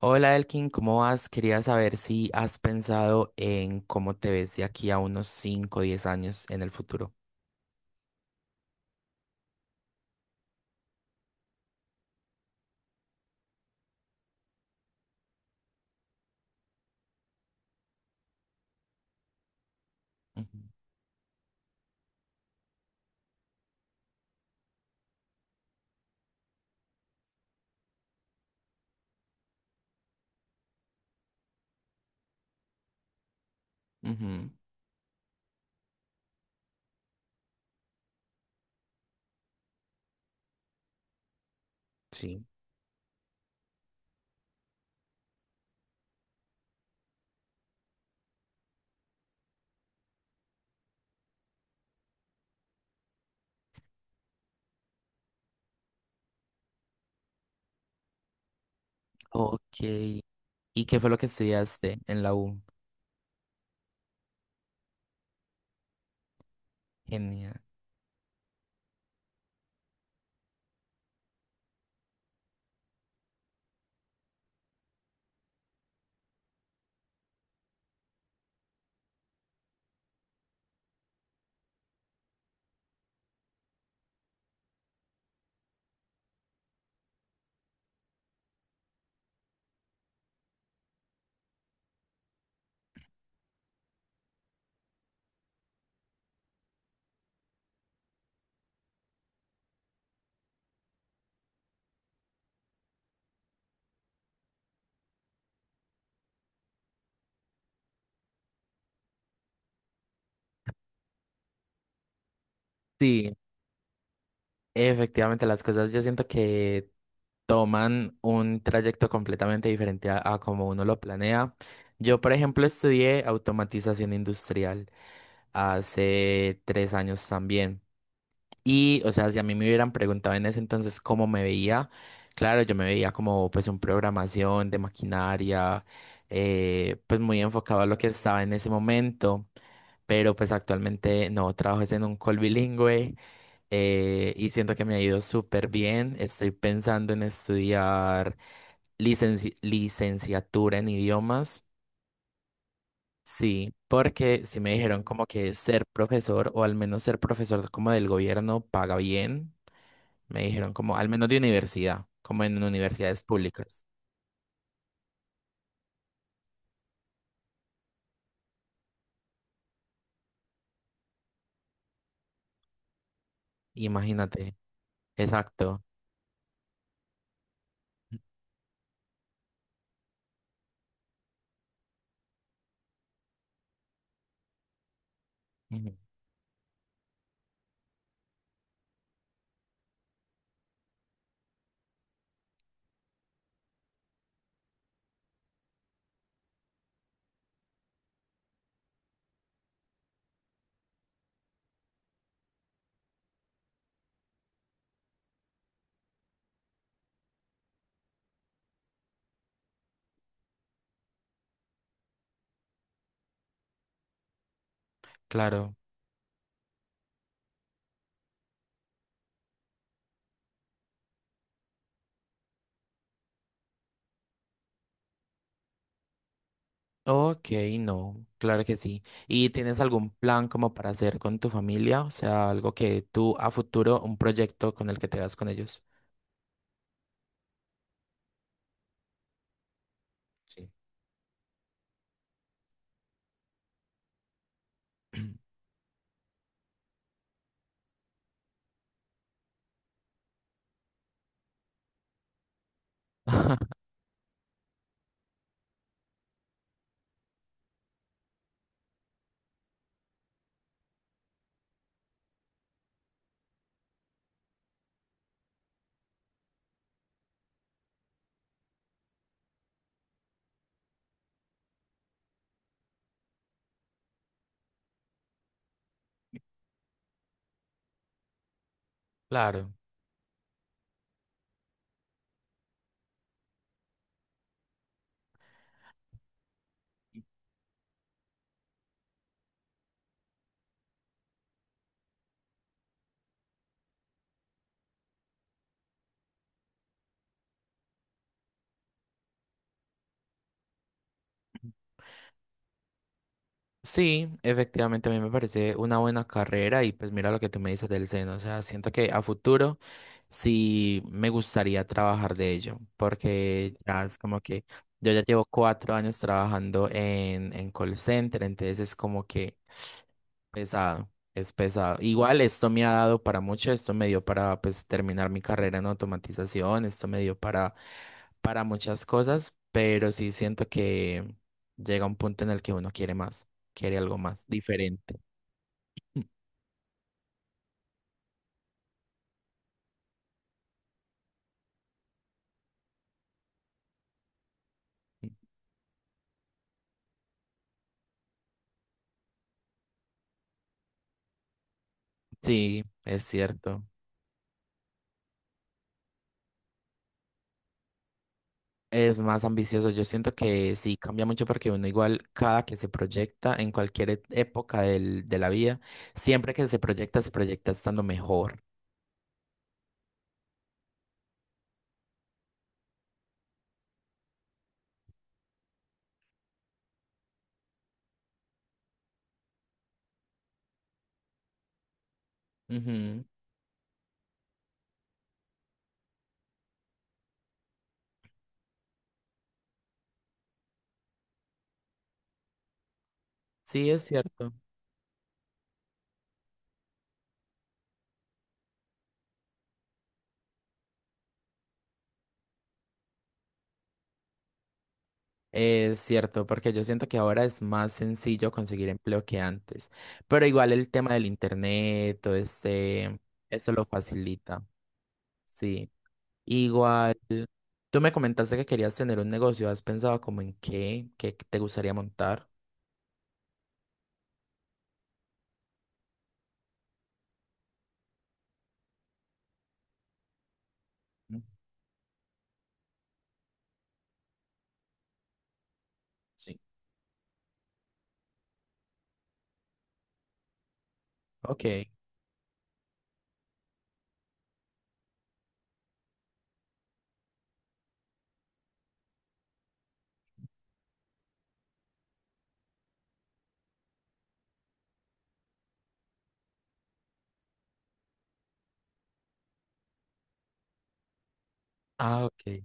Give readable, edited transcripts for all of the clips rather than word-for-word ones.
Hola Elkin, ¿cómo vas? Quería saber si has pensado en cómo te ves de aquí a unos cinco o 10 años en el futuro. Ujú, ujú, sí. Ok. ¿Y qué fue lo que estudiaste en la U? Genial. Sí, efectivamente las cosas yo siento que toman un trayecto completamente diferente a como uno lo planea. Yo, por ejemplo, estudié automatización industrial hace 3 años también. Y, o sea, si a mí me hubieran preguntado en ese entonces cómo me veía, claro, yo me veía como pues un programación de maquinaria, pues muy enfocado a lo que estaba en ese momento. Pero pues actualmente no, trabajo es en un call bilingüe y siento que me ha ido súper bien. Estoy pensando en estudiar licenciatura en idiomas, sí, porque sí me dijeron como que ser profesor o al menos ser profesor como del gobierno paga bien. Me dijeron como al menos de universidad, como en universidades públicas. Imagínate, exacto. Ujú. Claro. Ok, no, claro que sí. ¿Y tienes algún plan como para hacer con tu familia? O sea, algo que tú a futuro, un proyecto con el que te vas con ellos. Sí. Claro. Sí, efectivamente a mí me parece una buena carrera y pues mira lo que tú me dices del seno, o sea, siento que a futuro sí me gustaría trabajar de ello, porque ya es como que yo ya llevo 4 años trabajando en call center, entonces es como que pesado, es pesado. Igual esto me ha dado para mucho, esto me dio para pues terminar mi carrera en automatización, esto me dio para muchas cosas, pero sí siento que llega un punto en el que uno quiere más, quiere algo más diferente. Sí, es cierto. Es más ambicioso. Yo siento que sí cambia mucho porque uno igual cada que se proyecta en cualquier época de la vida, siempre que se proyecta estando mejor. Ujú, sí, es cierto. Es cierto, porque yo siento que ahora es más sencillo conseguir empleo que antes, pero igual el tema del internet, todo este eso lo facilita, sí. Igual, tú me comentaste que querías tener un negocio, ¿has pensado como en qué, qué te gustaría montar? Mm, sí. Ok, ah, ok,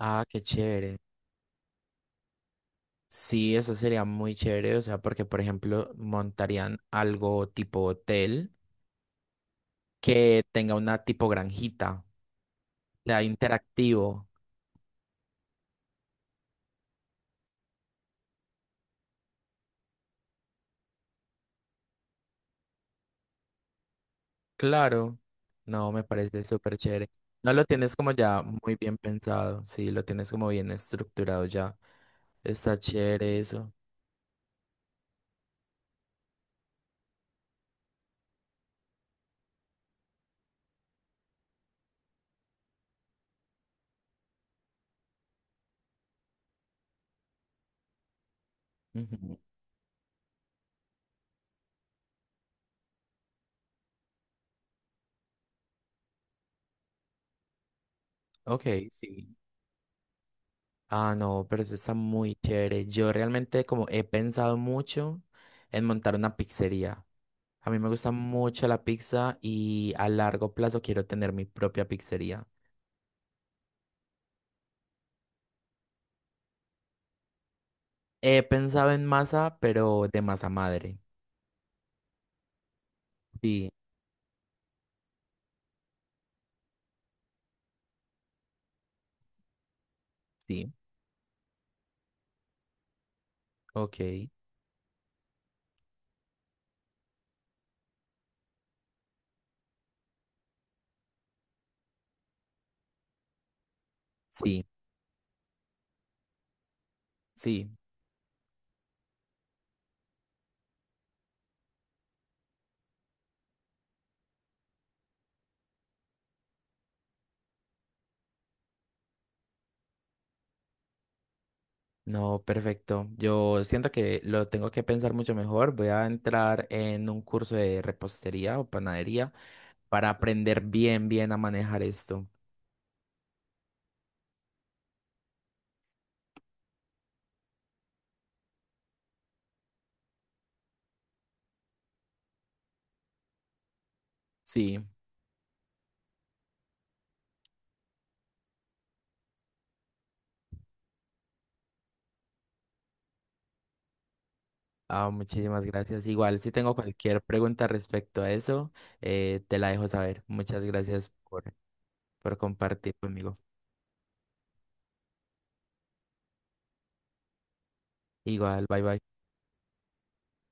ah, qué chévere. Sí, eso sería muy chévere, o sea, porque por ejemplo montarían algo tipo hotel que tenga una tipo granjita, o sea interactivo. Claro, no, me parece súper chévere. No lo tienes como ya muy bien pensado, sí, lo tienes como bien estructurado ya. Está chévere eso. Ujú. Ok, sí. Ah, no, pero eso está muy chévere. Yo realmente como he pensado mucho en montar una pizzería. A mí me gusta mucho la pizza y a largo plazo quiero tener mi propia pizzería. He pensado en masa, pero de masa madre. Sí, sí, ok. Sí, sí. No, perfecto. Yo siento que lo tengo que pensar mucho mejor. Voy a entrar en un curso de repostería o panadería para aprender bien, bien a manejar esto. Sí. Ah, muchísimas gracias. Igual, si tengo cualquier pregunta respecto a eso, te la dejo saber. Muchas gracias por compartir conmigo. Igual, bye bye.